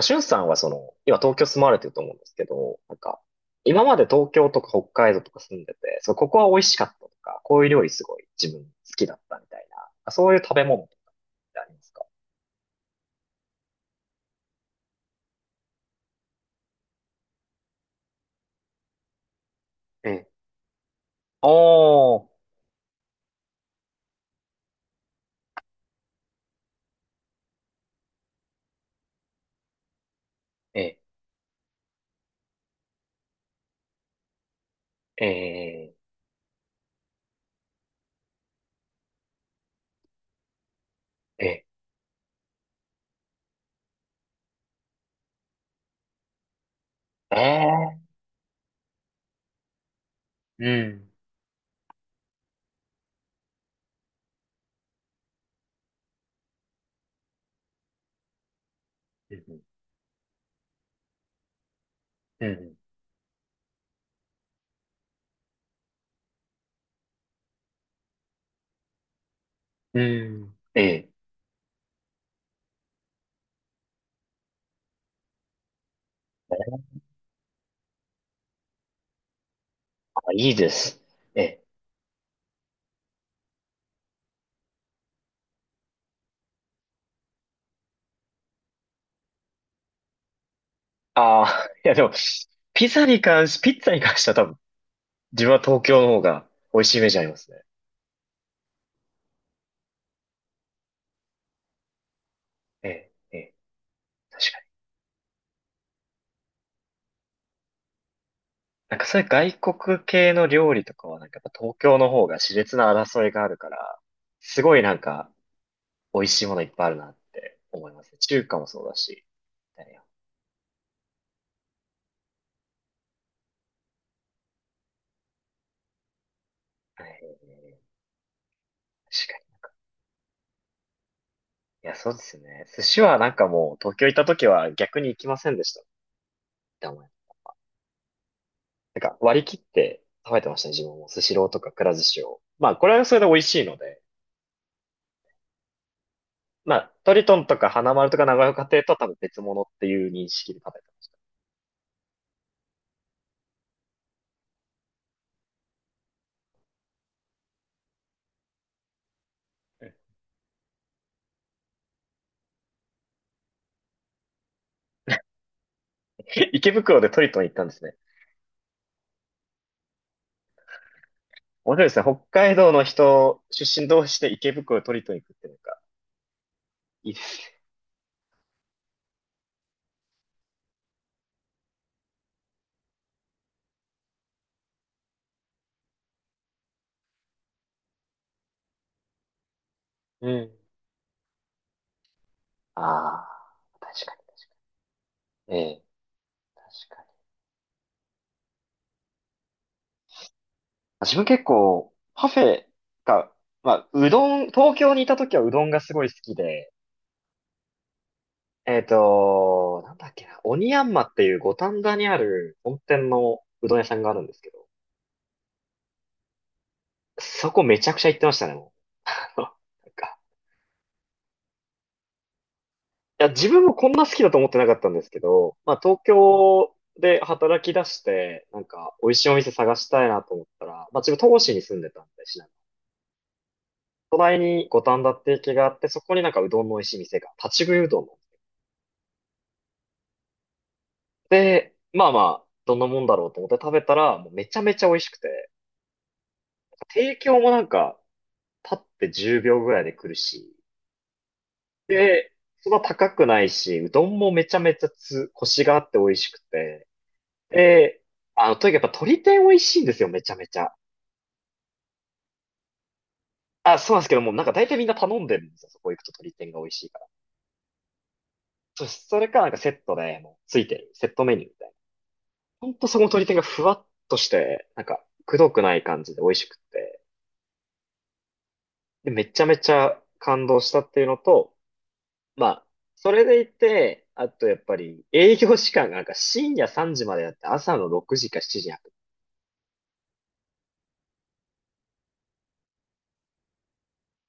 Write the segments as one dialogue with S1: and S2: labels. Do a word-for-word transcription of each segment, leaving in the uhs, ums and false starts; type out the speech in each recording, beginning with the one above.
S1: しゅんさんはその、今東京住まわれてると思うんですけど、なんか、今まで東京とか北海道とか住んでて、そう、ここは美味しかったとか、こういう料理すごい自分好きだったみたいな、そういう食べ物とかってありますか？ええ。おー。ええ、ええ、ええ、ええ。うん、うん、うん、うん。ええ。あ、いいです。ええ。ああ。いやでも、ピザに関し、ピッツァに関しては多分、自分は東京の方が美味しいイメージありますね。ええ、ええ。確かになんかそういう外国系の料理とかはなんかやっぱ東京の方が熾烈な争いがあるから、すごいなんか美味しいものいっぱいあるなって思いますね。中華もそうだし。だよ。はい。確かになんか。いや、そうですよね。寿司はなんかもう東京行った時は逆に行きませんでしたって思います。なんか割り切って食べてましたね。自分もスシローとかくら寿司を。まあこれはそれで美味しいので。まあトリトンとか花丸とか長岡亭とは多分別物っていう認識で食べてました。池袋でトリトン行ったんですね。面白いですね。北海道の人出身同士で池袋を取りに行くっていうのがいいですね。うん。ああ、確かに。ええ、確かに。自分結構、パフェが、まあ、うどん、東京にいた時はうどんがすごい好きで、えっと、なんだっけな、鬼ヤンマっていう五反田にある本店のうどん屋さんがあるんですけど、そこめちゃくちゃ行ってましたね、もう。なんか、いや、自分もこんな好きだと思ってなかったんですけど、まあ東京で働き出して、なんか美味しいお店探したいなと思ったら、まあ自分戸越に住んでたんで、市内の。隣に五反田って駅があって、そこになんかうどんの美味しい店が、立ち食いうどんの。で、まあまあ、どんなもんだろうと思って食べたら、もうめちゃめちゃ美味しくて、提供もなんか、立ってじゅうびょうぐらいで来るし、で、そんな高くないし、うどんもめちゃめちゃつ、コシがあって美味しくて、ええ。あの、とにかくやっぱ鶏天美味しいんですよ、めちゃめちゃ。あ、そうなんですけども、なんか大体みんな頼んでるんですよ、そこ行くと鶏天が美味しいから。そ、それかなんかセットで、もうついてる、セットメニューみたいな。ほんとそこの鶏天がふわっとして、なんか、くどくない感じで美味しくって、で、めちゃめちゃ感動したっていうのと、まあ、それでいて、あとやっぱり営業時間がなんか深夜さんじまでやって朝のろくじかしちじに開く。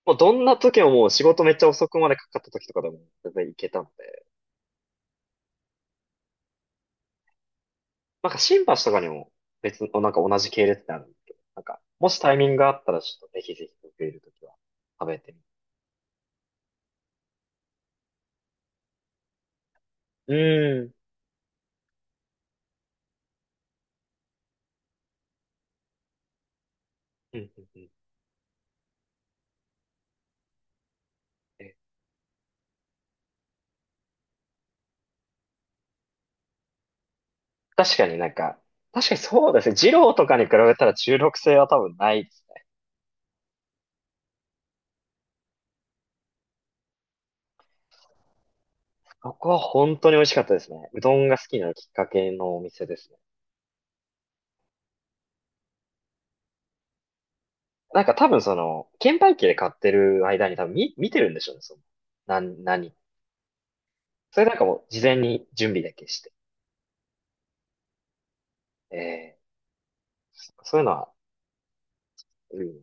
S1: もうどんな時ももう仕事めっちゃ遅くまでかかった時とかでも全然行けたので。なんか新橋とかにも別の、なんか同じ系列ってあるんですけど、なんか、もしタイミングがあったらちょっとぜひぜひ僕いるときは食べてみる。うーん。うんうんうん。え確かになんか、確かにそうですね。二郎とかに比べたら中毒性は多分ないですね。ここは本当に美味しかったですね。うどんが好きなきっかけのお店ですね。なんか多分その、券売機で買ってる間に多分見、見てるんでしょうね、その。なん、何。それなんかもう事前に準備だけして。えー、そういうのは、うん、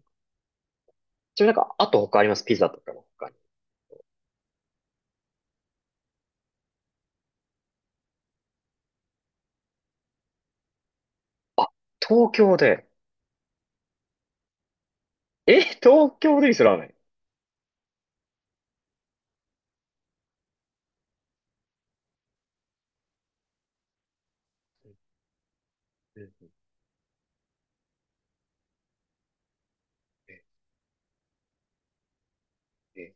S1: ちなみになんか、あと他ありますピザとかの他に。あ、東京で。え、東京で味噌ラーメン。うん。え、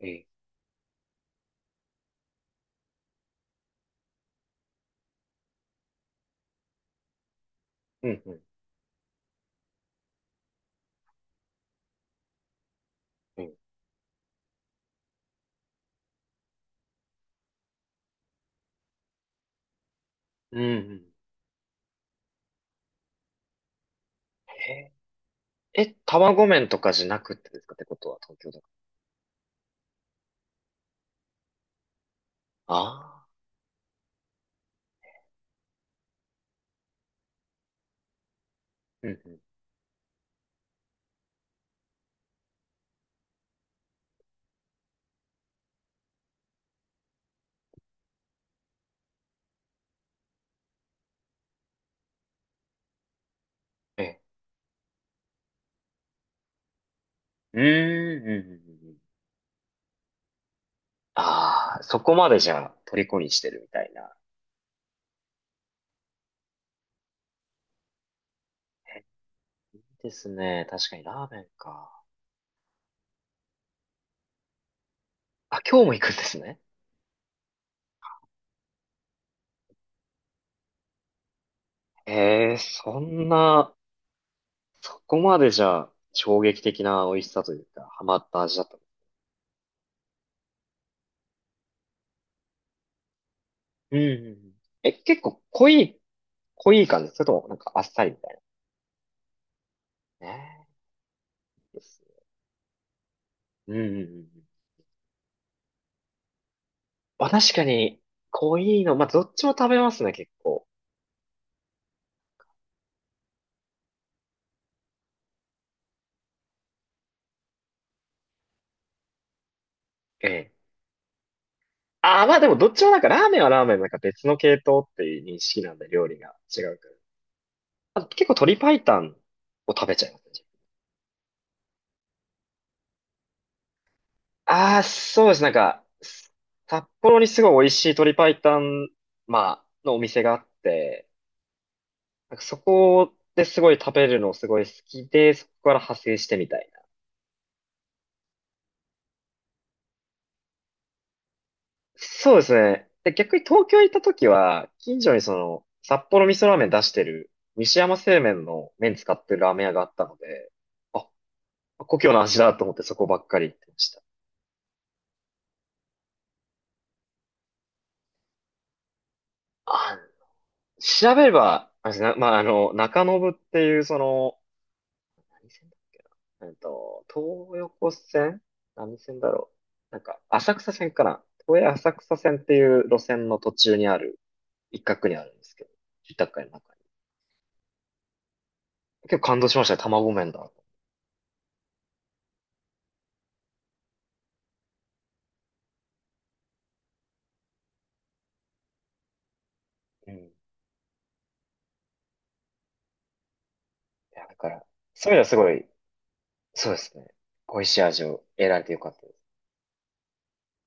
S1: え、え。うん、うん、うん。うん、うん。え、え、卵麺とかじゃなくてですかってことは東京だから。ああ。うん、うん。え、うーん、うん、うんうんうん。ああ、そこまでじゃあ、虜にしてるみたいな。え、いいですね。確かにラーメンか。あ、今日も行くんですね。ええ、そんな、そこまでじゃあ、衝撃的な美味しさというか、ハマった味だった。うんうん。え、結構濃い、濃い感じそれともなんかあっさりみたいな。ねえ。です。うん。うんうんうん。まあ確かに、濃いの、まあどっちも食べますね、結構。ええ。ああ、まあでもどっちもなんかラーメンはラーメンなんか別の系統っていう認識なんで料理が違うから。あ、結構鶏白湯を食べちゃいますね。ああ、そうです。なんか、札幌にすごい美味しい鶏白湯、まあ、のお店があって、なんかそこですごい食べるのすごい好きで、そこから派生してみたいな。そうですね。で、逆に東京行った時は、近所にその、札幌味噌ラーメン出してる、西山製麺の麺使ってるラーメン屋があったので、あ、故郷の味だと思ってそこばっかり行ってました。あ、調べれば、あれですね、まあ、あの、中延っていうその、何線だっけな。えっと、東横線何線だろう。なんか、浅草線かな。都営浅草線っていう路線の途中にある、一角にあるんですけど、住宅街の中に。結構感動しましたね、卵麺だ。うん。いや、だから、そういうのはすごい、そうですね。美味しい味を得られてよかった。